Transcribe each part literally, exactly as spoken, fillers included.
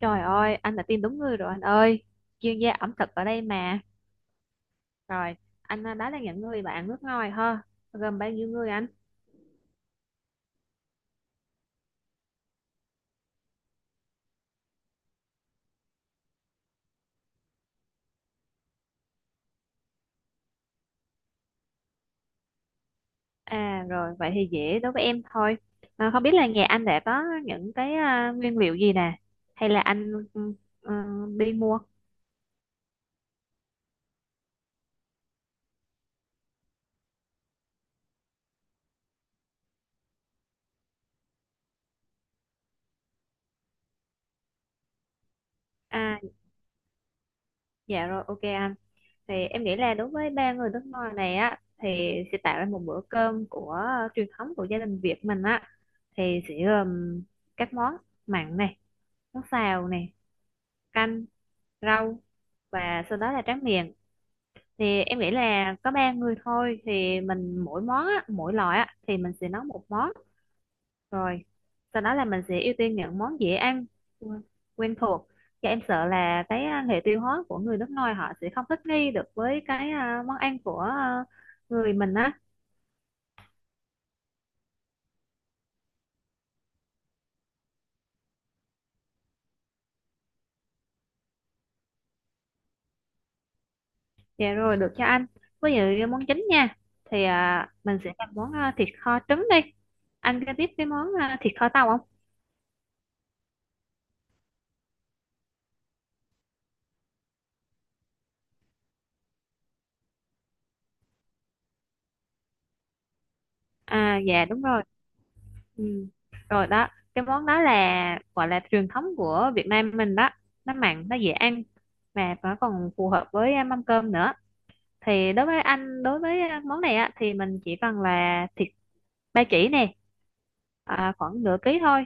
Trời ơi, anh đã tìm đúng người rồi anh ơi. Chuyên gia ẩm thực ở đây mà. Rồi, anh đó là những người bạn nước ngoài ha. Gồm bao nhiêu người anh? À rồi, vậy thì dễ đối với em thôi. À, không biết là nhà anh đã có những cái à, nguyên liệu gì nè? Hay là anh ừ, ừ, đi mua? À, dạ rồi, ok anh. Thì em nghĩ là đối với ba người nước ngoài này á, thì sẽ tạo ra một bữa cơm của ờ, truyền thống của gia đình Việt mình á. Thì sẽ gồm các món mặn này, món xào này, canh rau và sau đó là tráng miệng. Thì em nghĩ là có ba người thôi thì mình mỗi món á, mỗi loại á, thì mình sẽ nấu một món, rồi sau đó là mình sẽ ưu tiên những món dễ ăn, quen quen thuộc. Và em sợ là cái à, hệ tiêu hóa của người nước ngoài họ sẽ không thích nghi được với cái à, món ăn của à, người mình á. Dạ rồi, được cho anh, ví dụ như món chính nha thì à, mình sẽ làm món à, thịt kho trứng đi. Anh có biết cái món à, thịt kho tàu không? à dạ đúng rồi. Ừ. Rồi đó, cái món đó là gọi là truyền thống của Việt Nam mình đó. Nó mặn, nó dễ ăn mà nó còn phù hợp với à, mâm cơm nữa. Thì đối với anh, đối với à, món này á thì mình chỉ cần là thịt ba chỉ nè, à, khoảng nửa ký thôi.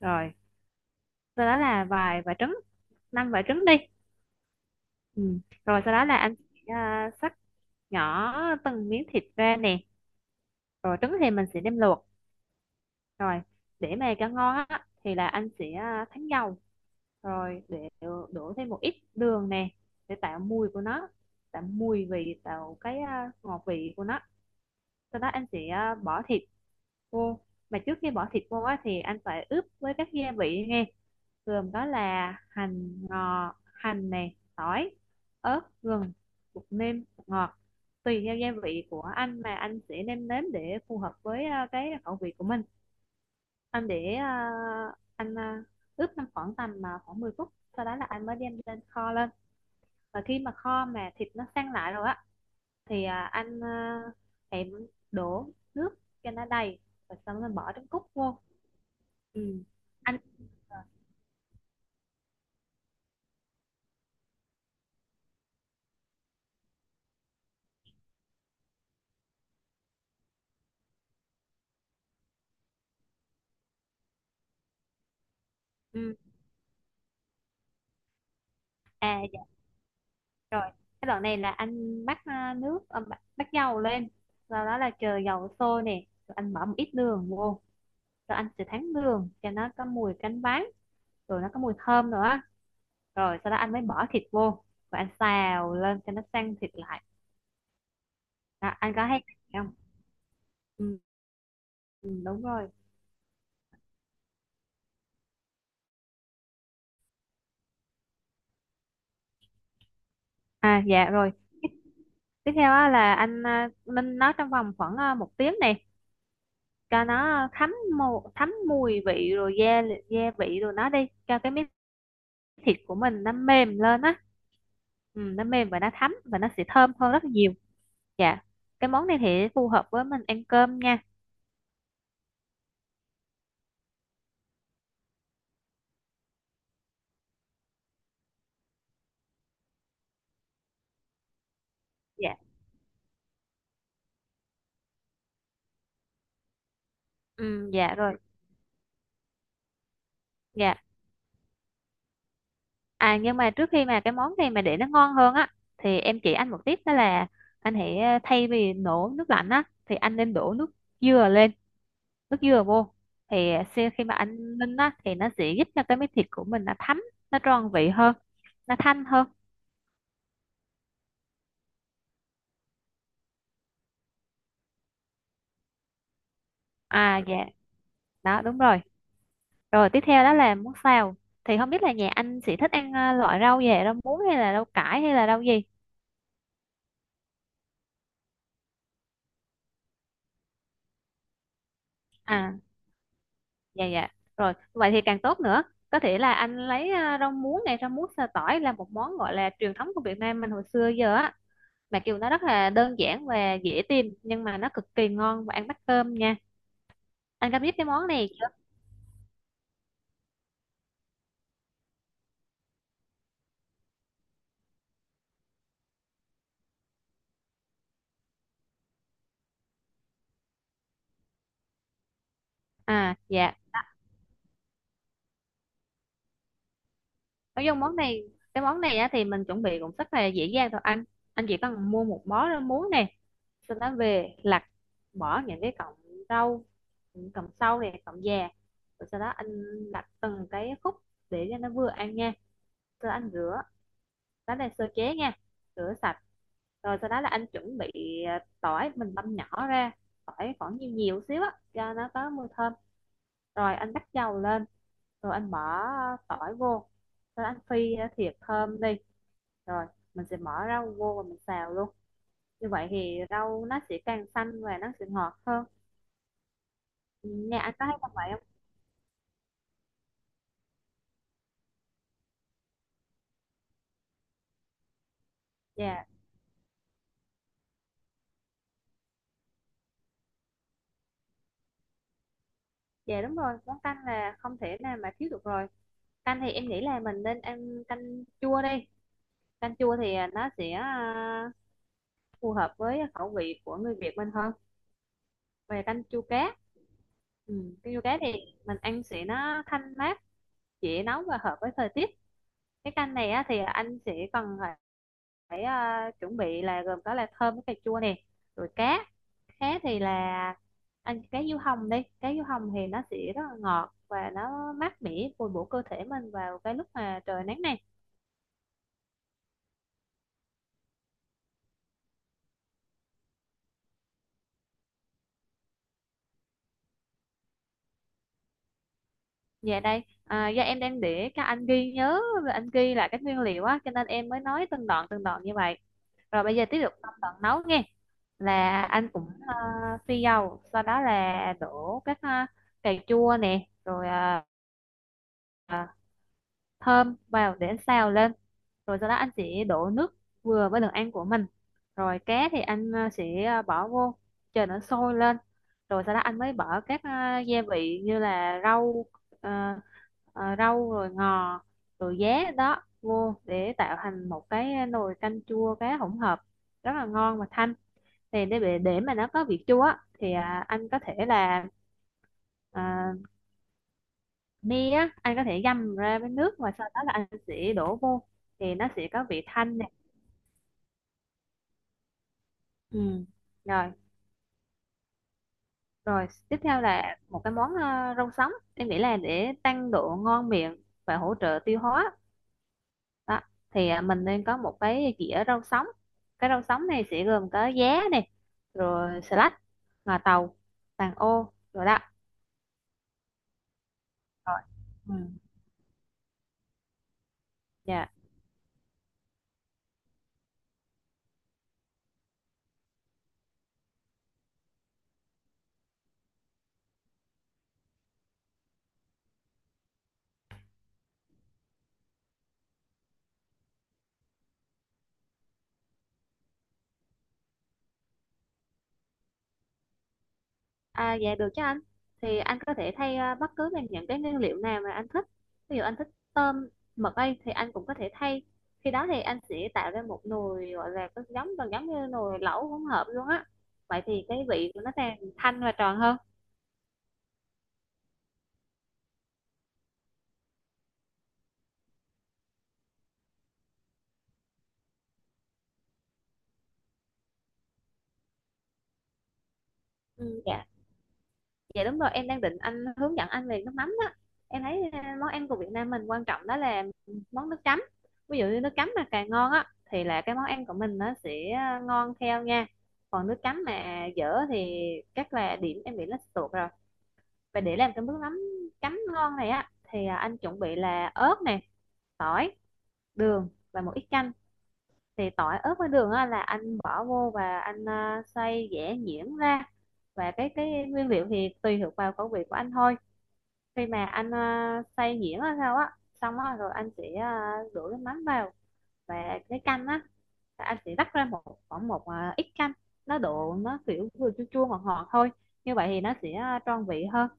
Rồi, sau đó là vài quả trứng, năm quả trứng đi. Ừ. Rồi sau đó là anh à, cắt nhỏ từng miếng thịt ra nè. Rồi trứng thì mình sẽ đem luộc. Rồi, để mà cho ngon á thì là anh sẽ à, thắng dầu, rồi để đổ thêm một ít đường nè để tạo mùi của nó, tạo mùi vị, tạo cái à, ngọt vị của nó. Sau đó anh sẽ à, bỏ thịt vô. Mà trước khi bỏ thịt vô á thì anh phải ướp với các gia vị nghe. Gồm đó là hành ngò, hành này tỏi, ớt, gừng, bột nêm, bột ngọt. Tùy theo gia vị của anh mà anh sẽ nêm nếm để phù hợp với à, cái khẩu vị của mình. Anh để à, anh à, ướp trong khoảng tầm à, khoảng mười phút, sau đó là anh mới đem lên kho lên. Và khi mà kho mà thịt nó săn lại rồi á thì à, anh à, hãy đổ nước cho nó đầy và xong rồi bỏ trứng cút vô. Ừ. Anh. Ừ. à dạ rồi, cái đoạn này là anh bắt à, nước à, bắt, bắt dầu lên, sau đó là chờ dầu sôi nè rồi anh bỏ một ít đường vô, rồi anh sẽ thắng đường cho nó có mùi cánh váng, rồi nó có mùi thơm nữa, rồi sau đó anh mới bỏ thịt vô và anh xào lên cho nó săn thịt lại. Đó, anh có thấy không? ừ, ừ, Đúng rồi. à dạ rồi, tiếp theo á, là anh à, ninh nó trong vòng khoảng à, một tiếng này cho nó thấm, mù, thấm mùi vị rồi gia li- gia vị rồi nó đi cho cái miếng thịt của mình nó mềm lên á. Ừ, nó mềm và nó thấm và nó sẽ thơm hơn rất là nhiều. Dạ, cái món này thì phù hợp với mình ăn cơm nha. Dạ. Ừ, dạ rồi. Dạ. À, nhưng mà trước khi mà cái món này mà để nó ngon hơn á thì em chỉ anh một tip đó là anh hãy ờ, thay vì đổ nước lạnh á thì anh nên đổ nước dừa lên, nước dừa vô. Thì khi khi mà anh ninh á thì nó sẽ giúp cho cái miếng thịt của mình nó thấm, nó tròn vị hơn, nó thanh hơn. À dạ, đó đúng rồi. Rồi tiếp theo đó là món xào. Thì không biết là nhà anh sẽ thích ăn ờ, loại rau gì, rau muống hay là rau cải hay là rau gì? À, dạ dạ rồi, vậy thì càng tốt nữa, có thể là anh lấy à, rau muống này, rau muống sa tỏi là một món gọi là truyền thống của Việt Nam mình hồi xưa giờ á, mà kiểu nó rất là đơn giản và dễ tìm nhưng mà nó cực kỳ ngon và ăn bắt cơm nha. Anh có biết cái món này chưa? à dạ nói chung món này, cái món này á, thì mình chuẩn bị cũng rất là dễ dàng thôi anh. Anh chỉ cần mua một bó rau muống này, sau đó về lặt, bỏ những cái cọng rau, những cọng sau này cọng già, rồi sau đó anh lặt từng cái khúc để cho nó vừa ăn nha. Sơ anh rửa lá này, sơ chế nha, rửa sạch, rồi sau đó là anh chuẩn bị à, tỏi mình băm nhỏ ra, tỏi khoảng nhiều nhiều xíu á cho nó có mùi thơm, rồi anh bắt dầu lên, rồi anh bỏ tỏi vô, rồi anh phi à, thiệt thơm đi, rồi mình sẽ bỏ rau vô và mình xào luôn, như vậy thì rau nó sẽ càng xanh và nó sẽ ngọt hơn. Nhà anh có hay làm vậy không? Dạ. Dạ đúng rồi, món canh là không thể nào mà thiếu được rồi. Canh thì em nghĩ là mình nên ăn canh chua đi. Canh chua thì à, nó sẽ à, phù hợp với khẩu vị của người Việt mình hơn, về canh chua cá. Ừ. Canh chua cá thì mình ăn sẽ nó thanh mát, dễ nấu và hợp với thời tiết. Cái canh này á, thì anh sẽ cần phải, phải à, chuẩn bị là gồm có là thơm với cà chua nè, rồi cá. Cá thì là anh cá diếu hồng đi, cá diếu hồng thì nó sẽ rất là ngọt và nó mát mẻ, bồi bổ cơ thể mình vào cái lúc mà trời nắng nè. Dạ đây, à, do em đang để các anh ghi nhớ, anh ghi lại các nguyên liệu á, cho nên em mới nói từng đoạn từng đoạn như vậy. Rồi bây giờ tiếp tục trong đoạn nấu nghe, là anh cũng à, phi dầu, sau đó là đổ các à, cà chua nè, rồi à, à, thơm vào để xào lên, rồi sau đó anh sẽ đổ nước vừa với đường ăn của mình, rồi cá thì anh à, sẽ à, bỏ vô, chờ nó sôi lên, rồi sau đó anh mới bỏ các à, gia vị như là rau, à, à, rau rồi ngò, rồi giá đó vô để tạo thành một cái nồi canh chua cá hỗn hợp rất là ngon và thanh. Thì để để để mà nó có vị chua á, thì à, anh có thể là à, mi á, anh có thể găm ra với nước và sau đó là anh sẽ đổ vô, thì nó sẽ có vị thanh này. Ừ. rồi rồi tiếp theo là một cái món ờ, rau sống, em nghĩ là để tăng độ ngon miệng và hỗ trợ tiêu hóa. Đó, thì ờ, mình nên có một cái dĩa rau sống, cái rau sống này sẽ gồm có giá này, rồi xà lách, ngò tàu, vàng ô, rồi đó. Rồi. Ừ. Dạ. À, dạ được chứ anh. Thì anh có thể thay à, bất cứ bằng những cái nguyên liệu nào mà anh thích. Ví dụ anh thích tôm, mực ấy thì anh cũng có thể thay. Khi đó thì anh sẽ tạo ra một nồi gọi là có giống gần giống như nồi lẩu hỗn hợp luôn á. Vậy thì cái vị của nó càng thanh và tròn hơn. Ừ, dạ. Dạ đúng rồi, em đang định anh hướng dẫn anh về nước mắm đó. Em thấy ờ, món ăn của Việt Nam mình quan trọng đó là món nước chấm. Ví dụ như nước chấm mà càng ngon á thì là cái món ăn của mình nó sẽ ờ, ngon theo nha. Còn nước chấm mà dở thì chắc là điểm em bị nó tuột rồi. Và để làm cái nước mắm chấm ngon này á thì à, anh chuẩn bị là ớt này, tỏi, đường và một ít chanh. Thì tỏi, ớt với đường á là anh bỏ vô và anh à, xay giã nhuyễn ra. Và cái cái nguyên liệu thì tùy thuộc vào khẩu vị của anh thôi. Khi mà anh uh, xay nhuyễn hay sao á, xong á rồi anh sẽ ờ, đổ cái mắm vào và cái canh á là anh sẽ rắc ra một khoảng một ờ, ít canh, nó độ nó kiểu vừa chua chua ngọt ngọt thôi, như vậy thì nó sẽ ờ, tròn vị hơn.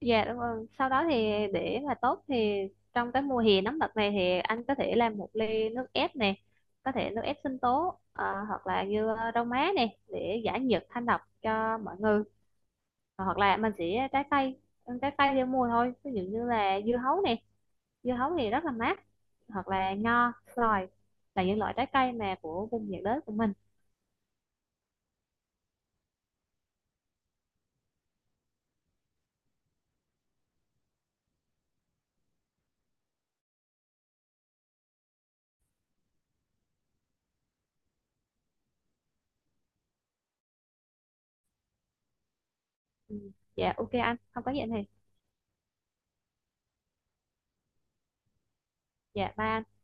Dạ đúng rồi, sau đó thì để mà tốt thì trong cái mùa hè nóng đợt này thì anh có thể làm một ly nước ép nè, có thể nước ép sinh tố ờ, hoặc là như ờ, rau má nè để giải nhiệt thanh độc cho mọi người, hoặc là mình sẽ trái cây, ăn trái cây theo mùa thôi, ví dụ như là dưa hấu nè, dưa hấu thì rất là mát, hoặc là nho xoài là những loại trái cây mà của vùng nhiệt đới của mình. Ừ. Dạ ok anh, không có gì anh Hiền. Dạ ba anh.